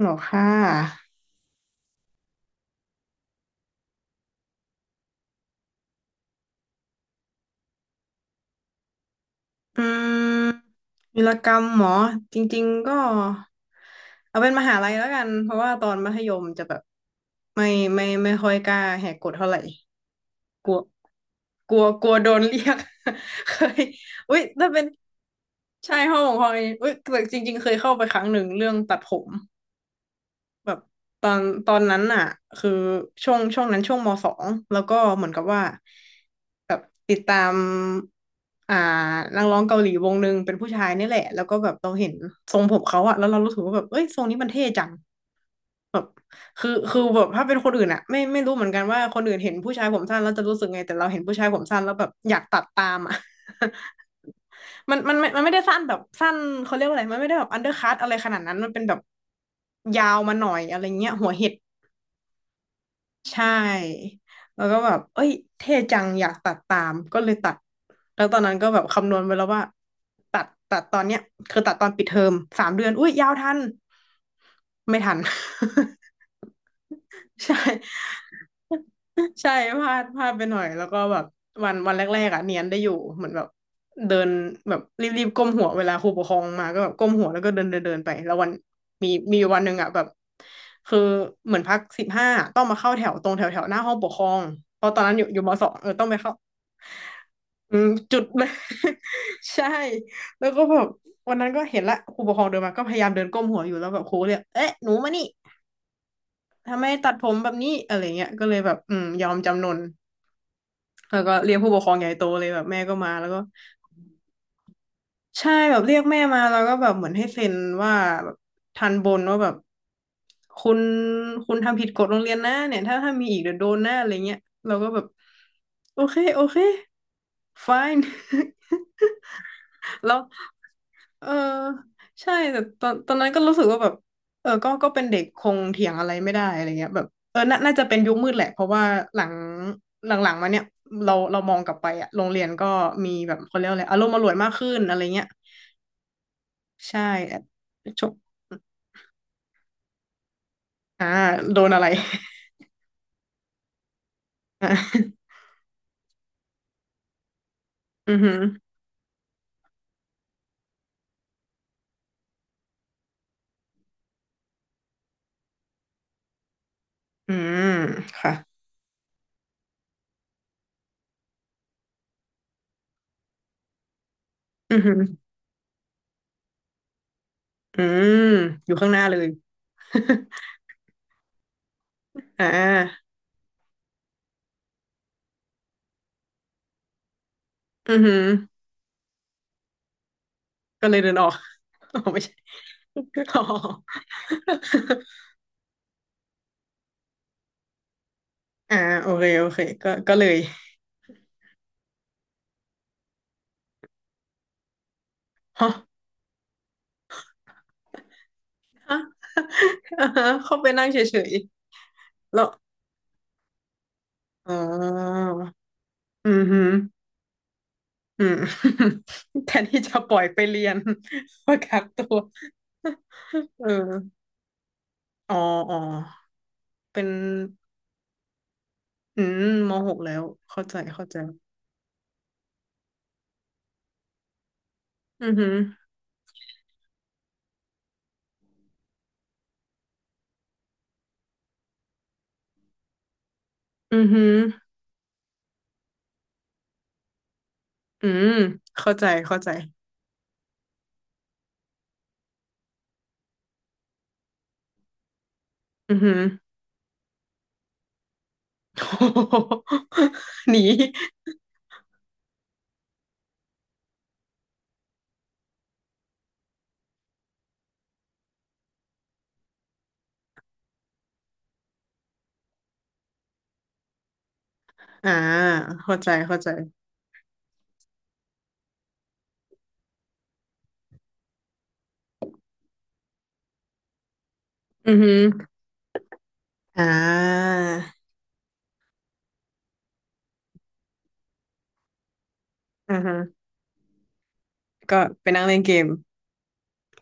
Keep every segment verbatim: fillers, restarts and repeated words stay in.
หรอค่ะอืมวีรกรรมหมอจริงๆก็เอาเป็นมหาลัยแล้วกันเพราะว่าตอนมัธยมจะแบบไม่ไม่ไม่ค่อยกล้าแหกกฎเท่าไหร่กลัวกลัวกลัวโดนเรียก เคยอุ้ยถ้าเป็นชายห้องของพลอยอุ้ยแต่จริงๆเคยเข้าไปครั้งหนึ่งเรื่องตัดผม แบบตอนตอนนั้นอ่ะคือช่วงช่วงนั้นช่วงมสองแล้วก็เหมือนกับว่าแบบติดตามอ่านักร้องเกาหลีวงหนึ่งเป็นผู้ชายนี่แหละแล้วก็แบบเราเห็นทรงผมเขาอะแล้วเรารู้สึกว่าแบบเอ้ยทรงนี้มันเท่จังแบบคือคือแบบถ้าเป็นคนอื่นอะไม่ไม่รู้เหมือนกันว่าคนอื่นเห็นผู้ชายผมสั้นแล้วจะรู้สึกไงแต่เราเห็นผู้ชายผมสั้นแล้วแบบอยากตัดตามอะ มันมันไม่มันไม่ได้สั้นแบบสั้นเขาเรียกว่าอะไรมันไม่ได้แบบอันเดอร์คัตอะไรขนาดนั้นมันเป็นแบบยาวมาหน่อยอะไรเงี้ยหัวเห็ด ใช่แล้วก็แบบเอ้ยเท่จังอยากตัดตามก็เลยตัดแล้วตอนนั้นก็แบบคำนวณไปแล้วว่าตัดตัดตอนเนี้ยคือตัดตอนปิดเทอมสามเดือนอุ้ยยาวทันไม่ทัน ใช่ ใช่พลาดพลาดไปหน่อยแล้วก็แบบวันวันแรกๆอ่ะเนียนได้อยู่เหมือนแบบเดินแบบรีบๆก้มหัวเวลาครูปกครองมาก็แบบก้มหัวแล้วก็เดินเดินเดินไปแล้ววันมีมีวันหนึ่งอ่ะแบบคือเหมือนพักสิบห้าต้องมาเข้าแถวตรงแถวแถวหน้าห้องปกครองเพราะตอนนั้นอยู่อยู่มสองเออต้องไปเข้าอืมจุดเลย ใช่แล้วก็แบบวันนั้นก็เห็นละครูปกครองเดินมาก็พยายามเดินก้มหัวอยู่แล้วแบบครูเรียกเอ๊ะหนูมานี่ทำไมตัดผมแบบนี้อะไรเงี้ยก็เลยแบบอืมยอมจำนน แล้วก็เรียกผู้ปกครองใหญ่โตเลยแบบแม่ก็มาแล้วก็ใช่แบบเรียกแม่มาแล้วก็แบบเหมือนให้เซ็นว่าแบบทันบนว่าแบบคุณคุณทำผิดกฎโรงเรียนนะเนี่ยถ้าถ้ามีอีกเดี๋ยวโดนหน้าอะไรเงี้ยเราก็แบบโอเคโอเค fine แล้วเออใช่แต่ตอนตอนนั้นก็รู้สึกว่าแบบเออก็ก็เป็นเด็กคงเถียงอะไรไม่ได้อะไรเงี้ยแบบเออน่าน่าจะเป็นยุคมืดแหละเพราะว่าหลังหลังๆมาเนี่ยเราเรามองกลับไปอะโรงเรียนก็มีแบบเขาเรียกอะไร อารมณ์อร่วยมากขึ้นอะไรเงี้ยใช่ชกอ่าโดนอะไร อ่าอือหืออืมค่ะอือหืออืมอยู่ข้างหน้าเลย อ่าอือหือ ก็เลยเดินออก อ๋อไม่ใช่อ๋อ อ่าโอเคโอเคก็ก็เลย ฮะฮะเข้าไปนั่งเฉยๆแล้วอ๋ออืมฮึอืม แทนที่จะปล่อยไปเรียน ก็กักตัว เอออ๋ออ๋อเป็นอืมมหกแล้วเข้าใจเข้าใจอือหืออือหืออืมเข้าใจเข้าใจอือหือโอ้โห หนี อ่าเข้าใจเข้าใจอือหืออ่าอ่าฮะก็ไปนั่งเล่นเกม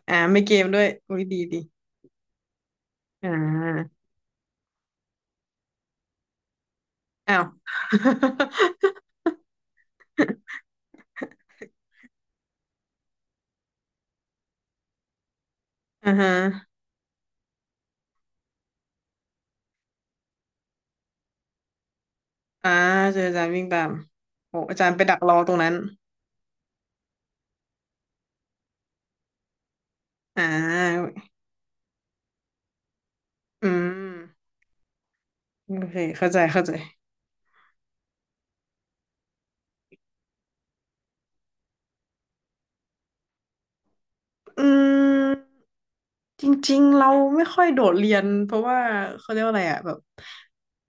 อ่าไม่เกมด้วยอุ้ยดีดีอ่าอ้าว อ่าฮะอ่าเจออาจารย์วิ่งตามโอ้อาจารย์ไปดักรอตรงนั้นอ่าอืมโอเคเข้าใจเข้าใจ อืมจริงๆเราไม่ค่อยโดดเรียนเพราะว่าเขาเรียกว่าอะไรอ่ะแบบ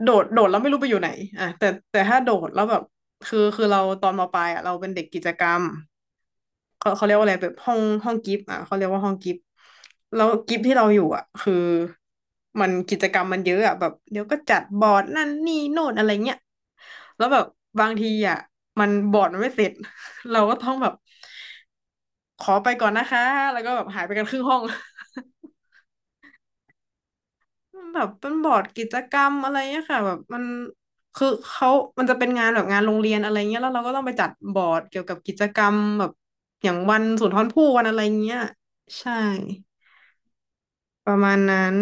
โดดโดดแล้วไม่รู้ไปอยู่ไหนอ่ะแต่แต่ถ้าโดดแล้วแบบคือคือเราตอนมปลายอ่ะเราเป็นเด็กกิจกรรม เขาเขาเรียกว่าอะไรแบบห้องห้องกิฟต์อ่ะเขาเรียกว่าห้องกิฟต์แล้วกิฟต์ที่เราอยู่อ่ะคือมันกิจกรรมมันเยอะอ่ะแบบเดี๋ยวก็จัดบอร์ดนั่นนี่โน่นอะไรเงี้ยแล้วแบบบางทีอ่ะมันบอร์ดมันไม่เสร็จ เราก็ต้องแบบขอไปก่อนนะคะแล้วก็แบบหายไปกันครึ่งห้อง มันแบบเป็นบอร์ดกิจกรรมอะไรเงี้ยค่ะแบบมันคือเขามันจะเป็นงานแบบงานโรงเรียนอะไรเงี้ยแล้วเราก็ต้องไปจัดบอร์ดเกี่ยวกับกิจกรรมแบบอย่างวันสุนทรภู่วันอะไรเงี้ยใช่ประมาณนั้น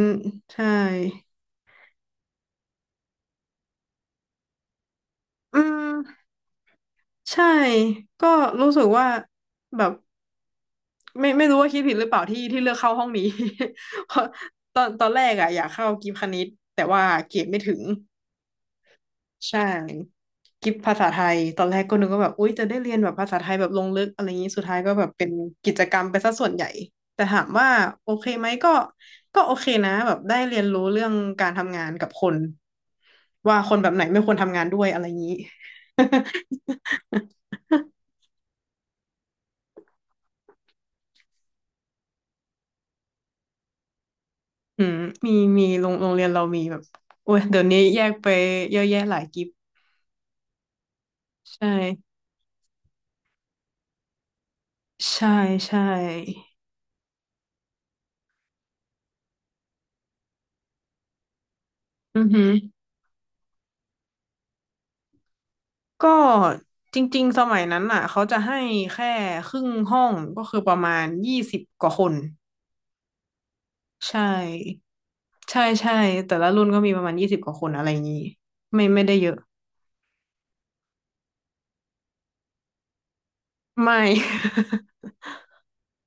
ใช่อืมใช่ก็รู้สึกว่าแบบไม่ไม่รู้ว่าคิดผิดหรือเปล่าที่ที่เลือกเข้าห้องนี้ เพราะตอนตอนแรกอะอยากเข้ากีฬาคณิตแต่ว่าเกรดไม่ถึง ใช่กิฟภาษาไทยตอนแรกก็นึกว่าแบบอุ๊ยจะได้เรียนแบบภาษาไทยแบบลงลึกอะไรอย่างนี้สุดท้ายก็แบบเป็นกิจกรรมไปซะส่วนใหญ่แต่ถามว่าโอเคไหมก็ก็โอเคนะแบบได้เรียนรู้เรื่องการทำงานกับคนว่าคนแบบไหนไม่ควรทำงานด้วยอะไรอย่างนี้ อืมมีมีโรงโรงเรียนเรามีแบบโอ้ยเดี๋ยวนี้แยกไปเยอะแยะหลายกิฟใช่ใช่ใช่อือหือ ก็จริงๆสมัยนั้นอ่ะเขาจะให้แค่ครึ่งห้องก็คือประมาณยี่สิบกว่าคนใช่ใช่ใช่แต่ละรุ่นก็มีประมาณยี่สิบกว่าคนอะไรอย่างนี้ไม่ไม่ได้เยอะไม่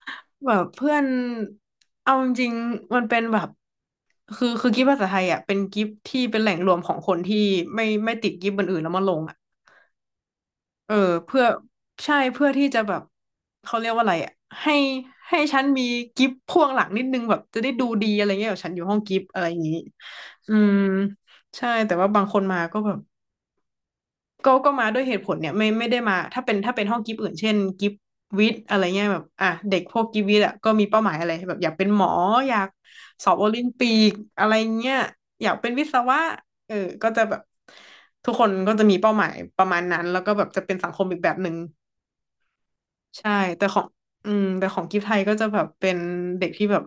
แบบเพื่อนเอาจริงๆมันเป็นแบบคือคือกิฟต์ภาษาไทยอ่ะเป็นกิฟต์ที่เป็นแหล่งรวมของคนที่ไม่ไม่ติดกิฟต์บนอื่นแล้วมาลง เออเพื่อใช่เพื่อที่จะแบบเขาเรียกว่าอะไรอ่ะให้ให้ฉันมีกิฟต์พ่วงหลังนิดนึงแบบจะได้ดูดีอะไรเงี้ยแบบฉันอยู่ห้องกิฟต์อะไรอย่างนี้อืมใช่แต่ว่าบางคนมาก็แบบก็ก็มาด้วยเหตุผลเนี่ยไม่ไม่ได้มาถ้าเป็นถ้าเป็นห้องกิฟต์อื่นเช่นกิฟต์วิทย์อะไรเงี้ยแบบอ่ะเด็กพวกกิฟต์วิทย์อ่ะก็มีเป้าหมายอะไรแบบอยากเป็นหมออยากสอบโอลิมปิกอะไรเงี้ยอยากเป็นวิศวะเออก็จะแบบทุกคนก็จะมีเป้าหมายประมาณนั้นแล้วก็แบบจะเป็นสังคมอีกแบบหนึ่ง ใช่แต่ของอืมแต่ของกิฟต์ไทยก็จะแบบเป็นเด็กที่แบบ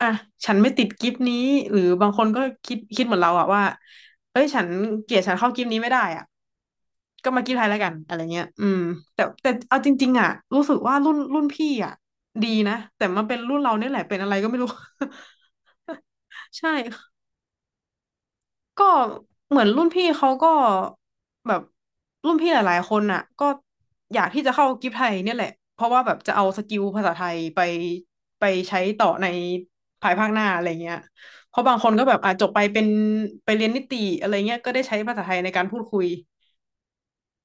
อ่ะฉันไม่ติดกิฟต์นี้หรือบางคนก็คิดคิดเหมือนเราอะว่าเอ้ยฉันเกลียดฉันเข้ากิฟต์นี้ไม่ได้อะก็มากิฟต์ไทยแล้วกันอะไรเงี้ยอืมแต่แต่เอาจริงๆอะรู้สึกว่ารุ่นรุ่นพี่อะดีนะแต่มาเป็นรุ่นเราเนี่ยแหละเป็นอะไรก็ไม่รู้ ใช่ ก็เหมือนรุ่นพี่เขาก็แบบรุ่นพี่หลายๆคนน่ะก็อยากที่จะเข้ากิฟไทยเนี่ยแหละเพราะว่าแบบจะเอาสกิลภาษาไทยไปไปใช้ต่อในภายภาคหน้าอะไรเงี้ยเพราะบางคนก็แบบอ่ะจบไปเป็นไปเรียนนิติอะไรเงี้ยก็ได้ใช้ภาษาไทยในการพูดคุย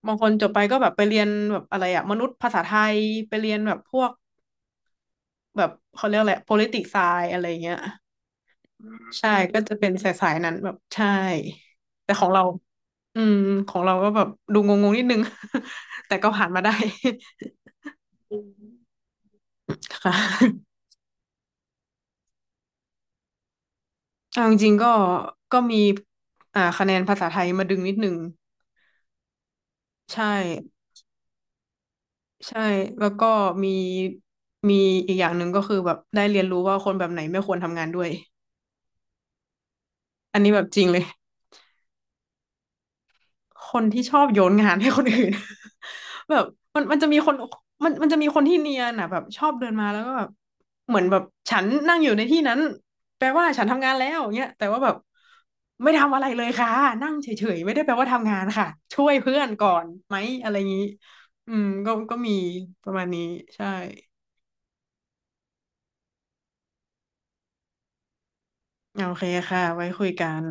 บางคนจบไปก็แบบไปเรียนแบบอะไรอะมนุษยภาษาไทยไปเรียนแบบพวกแบบเขาเรียกอะไร politics science อะไรเงี้ยใช่ก็จะเป็นสายๆนั้นแบบใช่แต่ของเรา อืมของเราก็แบบดูงงๆนิดนึง แต่ก็ผ่านมาได้ อืม ค่ะเอาจริงๆก็ก็มีอ่าคะแนนภาษาไทยมาดึงนิดนึงใช่ใช่แล้วก็มีมีอีกอย่างหนึ่งก็คือแบบได้เรียนรู้ว่าคนแบบไหนไม่ควรทำงานด้วยอันนี้แบบจริงเลย คนที่ชอบโยนงานให้คนอื่น แบบมันมันจะมีคนมันมันจะมีคนที่เนียนอ่ะแบบชอบเดินมาแล้วก็แบบเหมือนแบบฉันนั่งอยู่ในที่นั้นแปลว่าฉันทำงานแล้วเงี้ยแต่ว่าแบบไม่ทำอะไรเลยค่ะนั่งเฉยๆไม่ได้แปลว่าทำงานค่ะช่วยเพื่อนก่อนไหมอะไรอย่างนี้อืมก็ก็มีประมาณนี้ใช่โอเคค่ะไว้คุยกัน